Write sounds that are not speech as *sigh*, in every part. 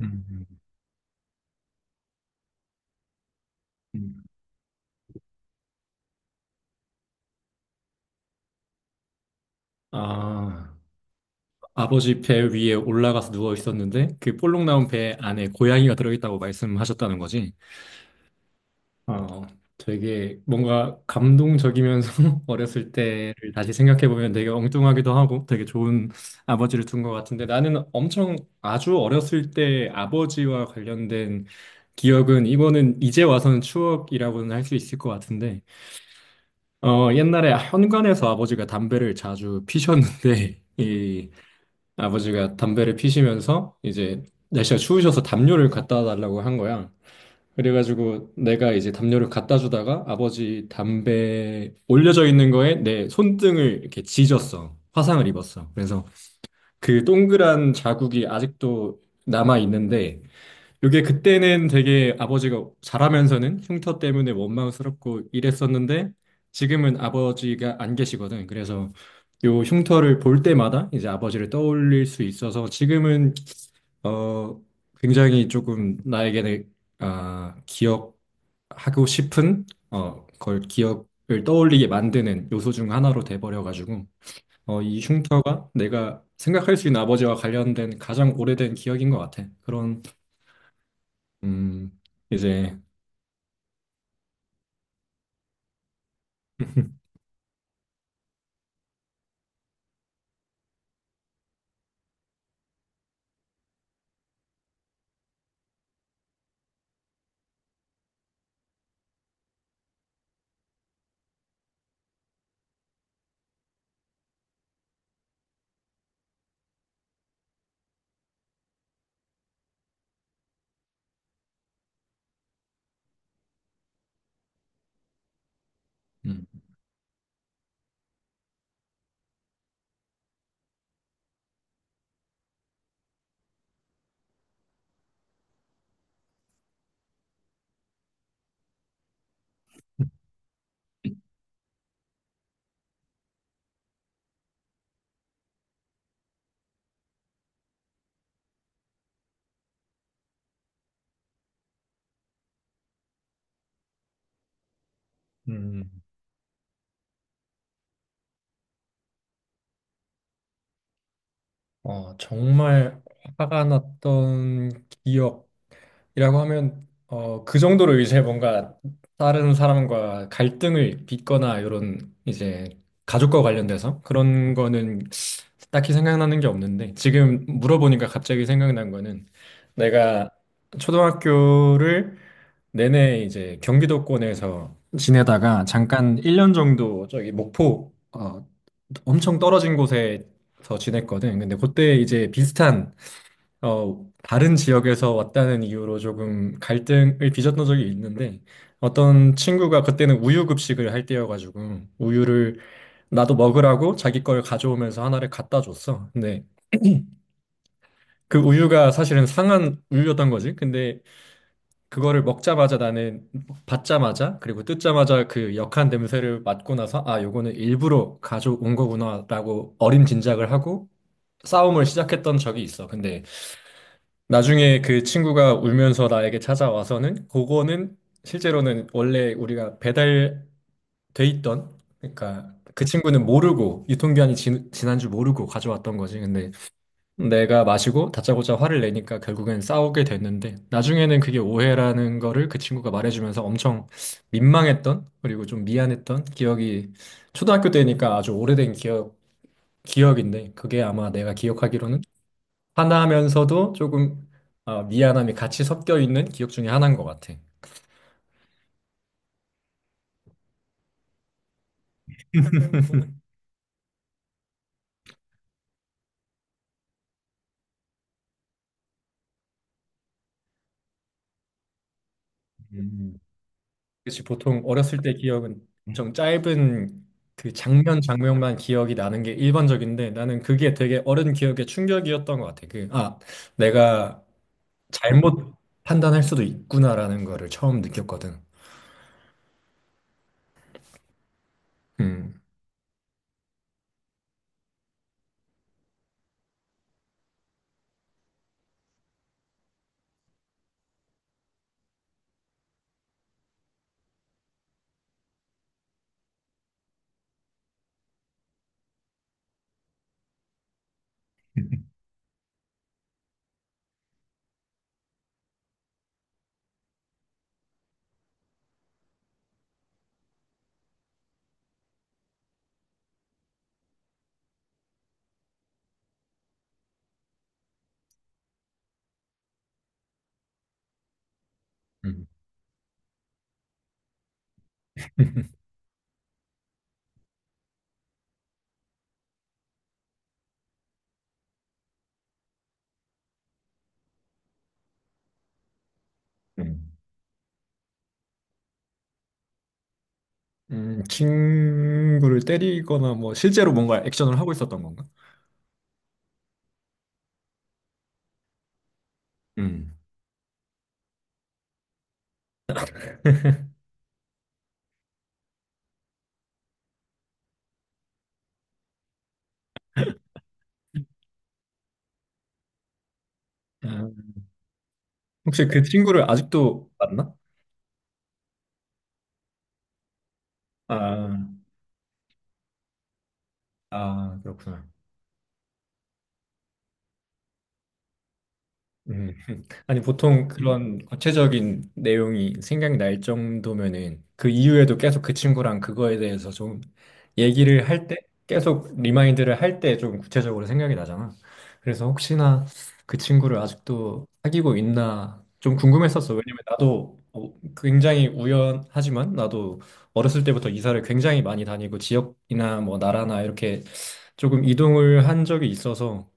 음, 음. 음. 아, 아버지 배 위에 올라가서 누워 있었는데 그 볼록 나온 배 안에 고양이가 들어있다고 말씀하셨다는 거지. 어, 되게 뭔가 감동적이면서 *laughs* 어렸을 때를 다시 생각해 보면 되게 엉뚱하기도 하고 되게 좋은 아버지를 둔 것 같은데, 나는 엄청 아주 어렸을 때 아버지와 관련된 기억은, 이거는 이제 와서는 추억이라고는 할 수 있을 것 같은데, 옛날에 현관에서 아버지가 담배를 자주 피셨는데 *laughs* 이 아버지가 담배를 피시면서 이제 날씨가 추우셔서 담요를 갖다 달라고 한 거야. 그래가지고 내가 이제 담요를 갖다 주다가 아버지 담배 올려져 있는 거에 내 손등을 이렇게 찢었어. 화상을 입었어. 그래서 그 동그란 자국이 아직도 남아 있는데, 이게 그때는 되게 아버지가 잘하면서는 흉터 때문에 원망스럽고 이랬었는데 지금은 아버지가 안 계시거든. 그래서 요 흉터를 볼 때마다 이제 아버지를 떠올릴 수 있어서, 지금은 어 굉장히 조금 나에게는 기억하고 싶은 어걸 기억을 떠올리게 만드는 요소 중 하나로 돼버려가지고, 이 흉터가 내가 생각할 수 있는 아버지와 관련된 가장 오래된 기억인 것 같아. 그런 음, 이제. *laughs* 음, 음, 정말 화가 났던 기억이라고 하면, 그 정도로 이제 뭔가 다른 사람과 갈등을 빚거나 이런 이제 가족과 관련돼서 그런 거는 딱히 생각나는 게 없는데, 지금 물어보니까 갑자기 생각난 거는 내가 초등학교를 내내 이제 경기도권에서 지내다가 잠깐 1년 정도 저기 목포, 엄청 떨어진 곳에서 지냈거든. 근데 그때 이제 비슷한, 다른 지역에서 왔다는 이유로 조금 갈등을 빚었던 적이 있는데, 어떤 친구가 그때는 우유 급식을 할 때여가지고 우유를 나도 먹으라고 자기 걸 가져오면서 하나를 갖다 줬어. 근데 그 우유가 사실은 상한 우유였던 거지. 근데 그거를 먹자마자 나는, 받자마자 그리고 뜯자마자 그 역한 냄새를 맡고 나서 요거는 일부러 가져온 거구나라고 어림짐작을 하고 싸움을 시작했던 적이 있어. 근데 나중에 그 친구가 울면서 나에게 찾아와서는, 그거는 실제로는 원래 우리가 배달돼 있던, 그러니까 그 친구는 모르고 유통기한이 지난 줄 모르고 가져왔던 거지. 근데 내가 마시고 다짜고짜 화를 내니까 결국엔 싸우게 됐는데, 나중에는 그게 오해라는 거를 그 친구가 말해주면서 엄청 민망했던, 그리고 좀 미안했던 기억이, 초등학교 때니까 아주 오래된 기억 기억인데, 그게 아마 내가 기억하기로는 화나면서도 조금 아, 미안함이 같이 섞여 있는 기억 중에 하나인 것 같아. 음. 그치, 보통 어렸을 때 기억은 엄좀 짧은 그 장면 장면만 기억이 나는 게 일반적인데, 나는 그게 되게 어른 기억에 충격이었던 것 같아. 내가 잘못 판단할 수도 있구나라는 거를 처음 느꼈거든. 음. 음. *laughs* 음. 친구를 때리거나 뭐 실제로 뭔가 액션을 하고 있었던 건가? 음. *laughs* 아, 혹시 그 친구를 아직도 만나? 아, 아, 그렇구나. 음. *laughs* 아니, 보통 그런 구체적인 내용이 생각이 날 정도면은, 그 이후에도 계속 그 친구랑 그거에 대해서 좀 얘기를 할 때, 계속 리마인드를 할 때 좀 구체적으로 생각이 나잖아. 그래서 혹시나 그 친구를 아직도 사귀고 있나 좀 궁금했었어. 왜냐면 나도 굉장히 우연하지만 나도 어렸을 때부터 이사를 굉장히 많이 다니고 지역이나 뭐 나라나 이렇게 조금 이동을 한 적이 있어서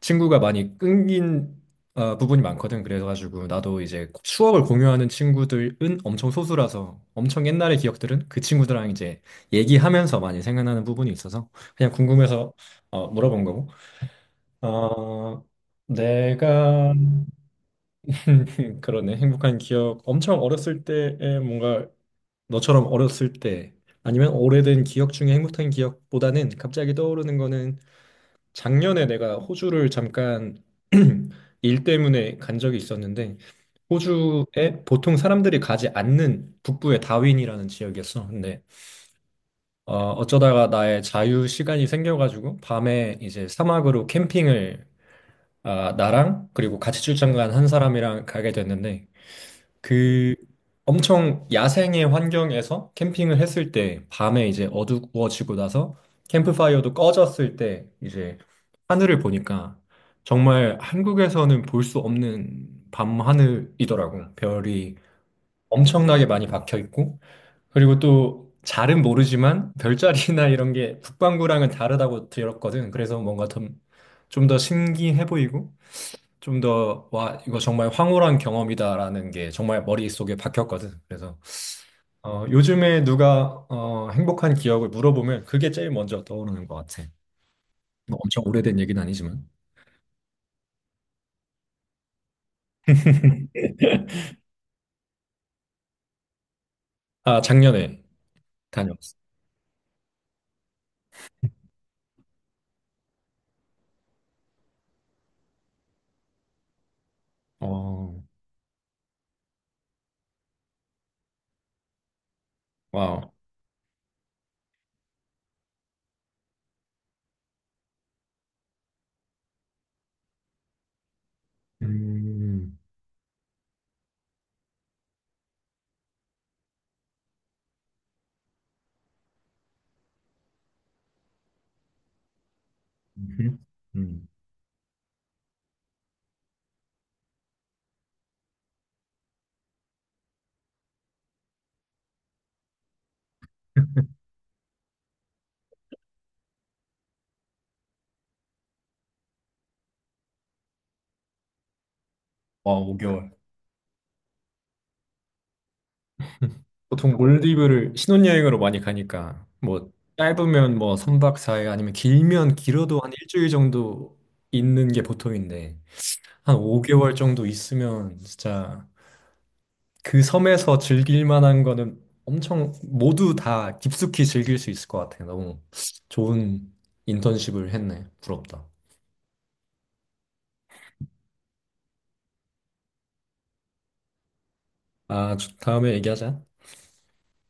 친구가 많이 끊긴, 부분이 많거든. 그래가지고 나도 이제 추억을 공유하는 친구들은 엄청 소수라서, 엄청 옛날의 기억들은 그 친구들랑 이제 얘기하면서 많이 생각나는 부분이 있어서, 그냥 궁금해서 물어본 거고. 어, 내가 *laughs* 그러네. 행복한 기억. 엄청 어렸을 때에 뭔가 너처럼 어렸을 때 아니면 오래된 기억 중에 행복한 기억보다는, 갑자기 떠오르는 거는, 작년에 내가 호주를 잠깐 *clears throat* 일 때문에 간 적이 있었는데, 호주에 보통 사람들이 가지 않는 북부의 다윈이라는 지역이었어. 근데 어쩌다가 나의 자유 시간이 생겨가지고 밤에 이제 사막으로 캠핑을, 나랑 그리고 같이 출장 간 한 사람이랑 가게 됐는데, 그 엄청 야생의 환경에서 캠핑을 했을 때 밤에 이제 어두워지고 나서 캠프파이어도 꺼졌을 때 이제 하늘을 보니까, 정말 한국에서는 볼 수 없는 밤 하늘이더라고. 별이 엄청나게 많이 박혀 있고, 그리고 또 잘은 모르지만 별자리나 *laughs* 이런 게 북반구랑은 다르다고 들었거든. 그래서 뭔가 좀 더 신기해 보이고 좀 더, 와, 이거 정말 황홀한 경험이다라는 게 정말 머릿속에 박혔거든. 그래서 요즘에 누가 행복한 기억을 물어보면 그게 제일 먼저 떠오르는 것 같아. 뭐 엄청 오래된 얘기는 아니지만. 아, 작년에 다녀왔어. 어, 와우. 음, 음흠. 음. 와, 5개월. 보통 몰디브를 신혼여행으로 많이 가니까, 뭐, 짧으면 뭐, 3박 사 일 아니면 길면 길어도 한 일주일 정도 있는 게 보통인데, 한 5개월 정도 있으면 진짜 그 섬에서 즐길 만한 거는 엄청 모두 다 깊숙이 즐길 수 있을 것 같아요. 너무 좋은 인턴십을 했네. 부럽다. 아, 다음에 얘기하자.